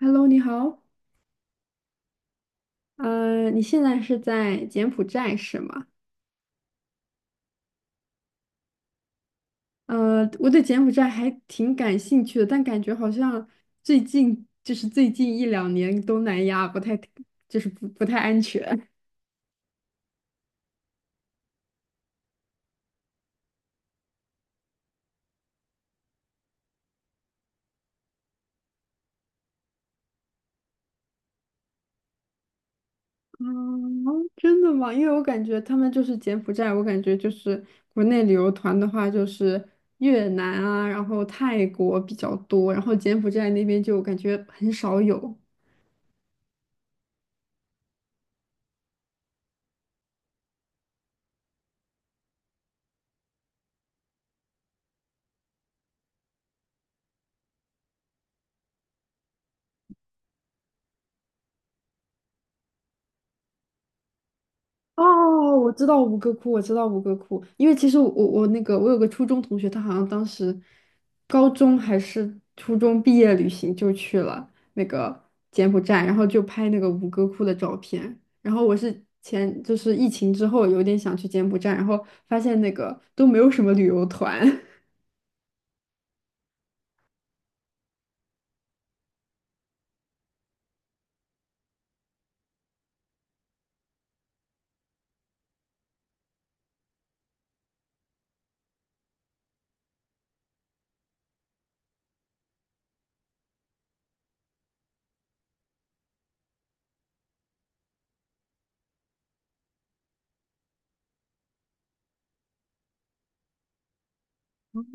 Hello，你好。你现在是在柬埔寨是吗？我对柬埔寨还挺感兴趣的，但感觉好像最近就是最近一两年东南亚不太，就是不太安全。真的吗？因为我感觉他们就是柬埔寨，我感觉就是国内旅游团的话就是越南啊，然后泰国比较多，然后柬埔寨那边就感觉很少有。哦，我知道吴哥窟，我知道吴哥窟。因为其实我那个我有个初中同学，他好像当时高中还是初中毕业旅行就去了那个柬埔寨，然后就拍那个吴哥窟的照片。然后我是前就是疫情之后有点想去柬埔寨，然后发现那个都没有什么旅游团。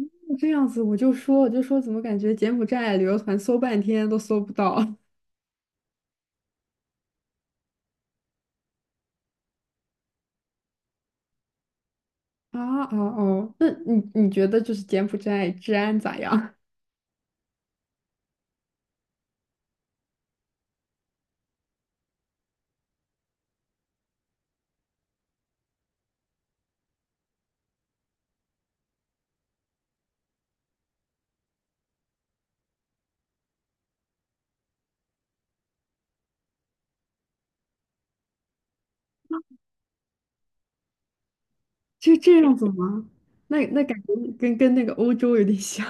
这样子我就说怎么感觉柬埔寨旅游团搜半天都搜不到。 啊啊哦，那你觉得就是柬埔寨治安咋样？就这样子吗？那感觉跟那个欧洲有点像。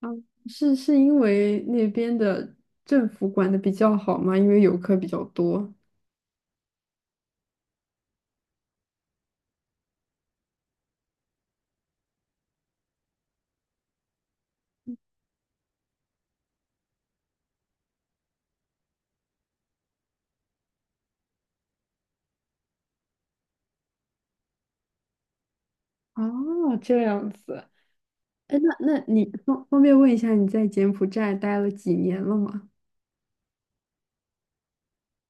啊，是因为那边的政府管的比较好吗？因为游客比较多。哦，这样子。哎，那你方便问一下，你在柬埔寨待了几年了吗？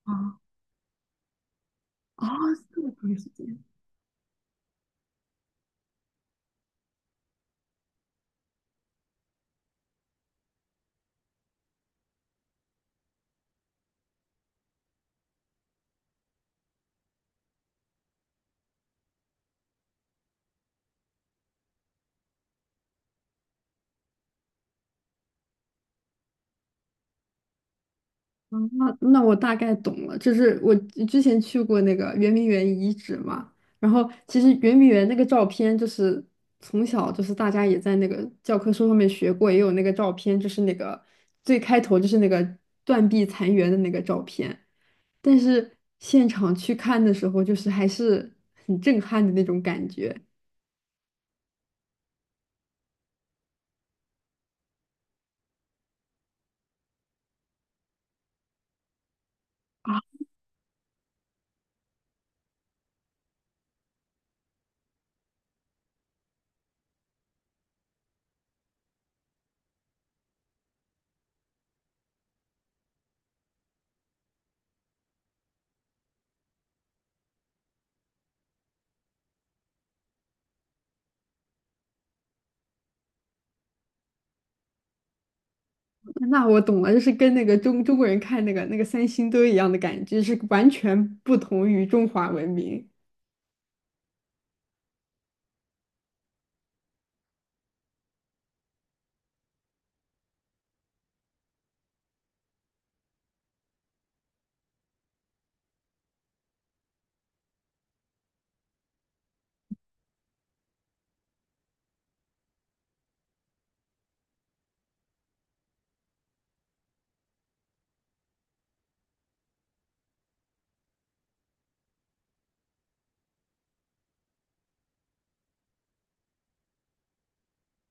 啊。啊，这么长时间。啊，那我大概懂了，就是我之前去过那个圆明园遗址嘛，然后其实圆明园那个照片，就是从小就是大家也在那个教科书上面学过，也有那个照片，就是那个最开头就是那个断壁残垣的那个照片，但是现场去看的时候，就是还是很震撼的那种感觉啊。那我懂了，就是跟那个中国人看那个三星堆一样的感觉，是完全不同于中华文明。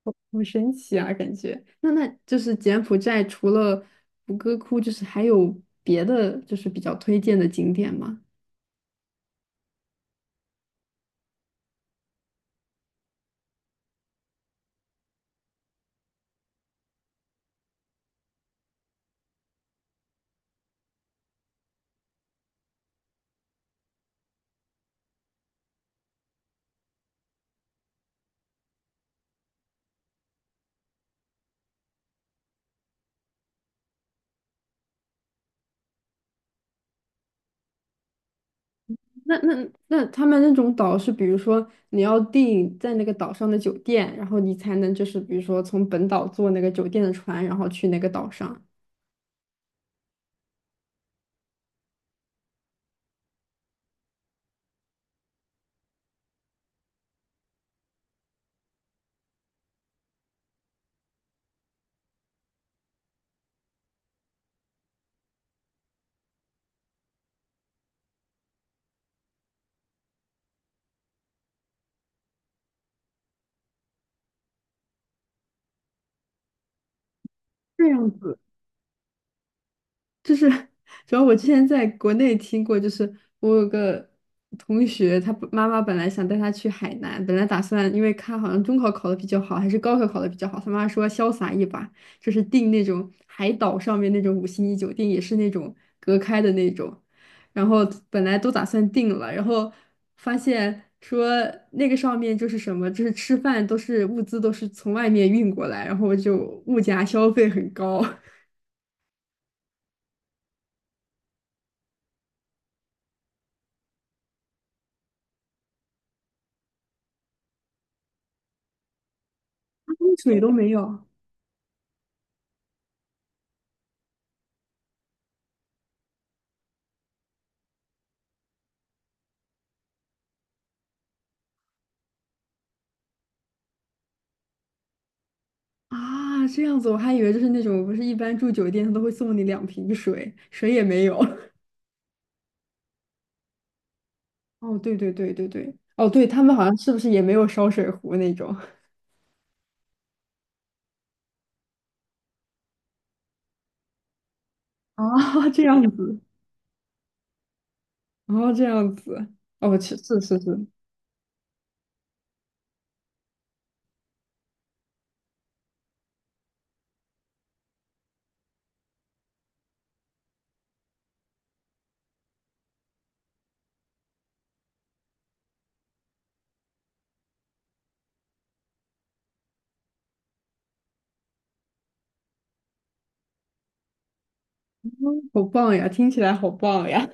好神奇啊，感觉。那那就是柬埔寨除了吴哥窟，就是还有别的就是比较推荐的景点吗？那他们那种岛是，比如说你要订在那个岛上的酒店，然后你才能就是比如说从本岛坐那个酒店的船，然后去那个岛上。这样子。就是主要我之前在国内听过，就是我有个同学，他不妈妈本来想带他去海南，本来打算因为他好像中考考的比较好，还是高考考的比较好，他妈说潇洒一把，就是订那种海岛上面那种五星级酒店，也是那种隔开的那种，然后本来都打算订了，然后发现说那个上面就是什么，就是吃饭都是物资都是从外面运过来，然后就物价消费很高。水都没有。啊，这样子我还以为就是那种，不是一般住酒店他都会送你两瓶水，水也没有。哦，对对对对对，哦，对，他们好像是不是也没有烧水壶那种？啊，这样子，哦，这样子，哦，是是是是。好棒呀，听起来好棒呀。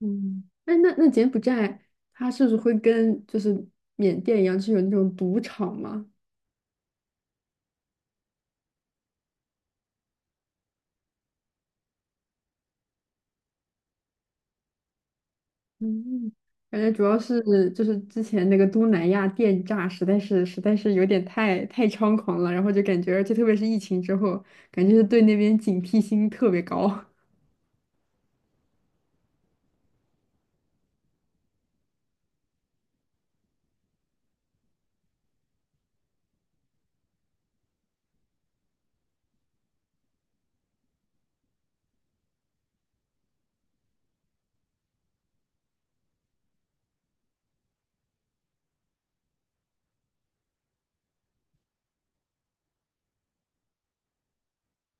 嗯，哎，那那柬埔寨它是不是会跟就是缅甸一样，是有那种赌场吗？嗯，感觉主要是就是之前那个东南亚电诈实在是有点太猖狂了，然后就感觉，而且特别是疫情之后，感觉是对那边警惕心特别高。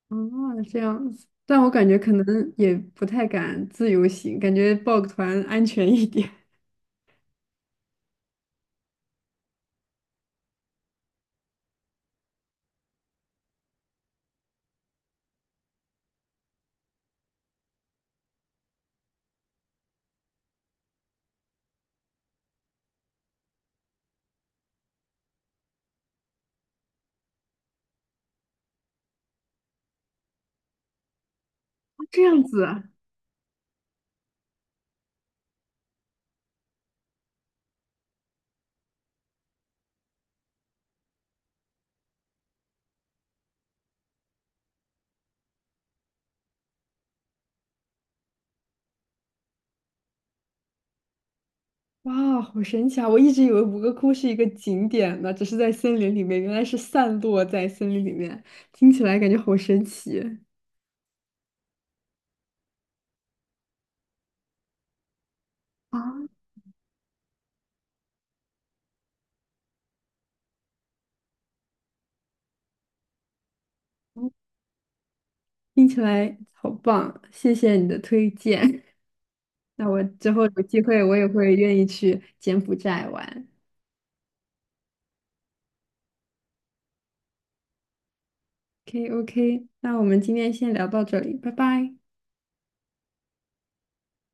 哦，这样子，但我感觉可能也不太敢自由行，感觉报个团安全一点。这样子啊。哇，好神奇啊！我一直以为五个窟是一个景点呢，只是在森林里面，原来是散落在森林里面，听起来感觉好神奇。啊。听起来好棒，谢谢你的推荐。那我之后有机会我也会愿意去柬埔寨玩。OK OK,那我们今天先聊到这里，拜拜。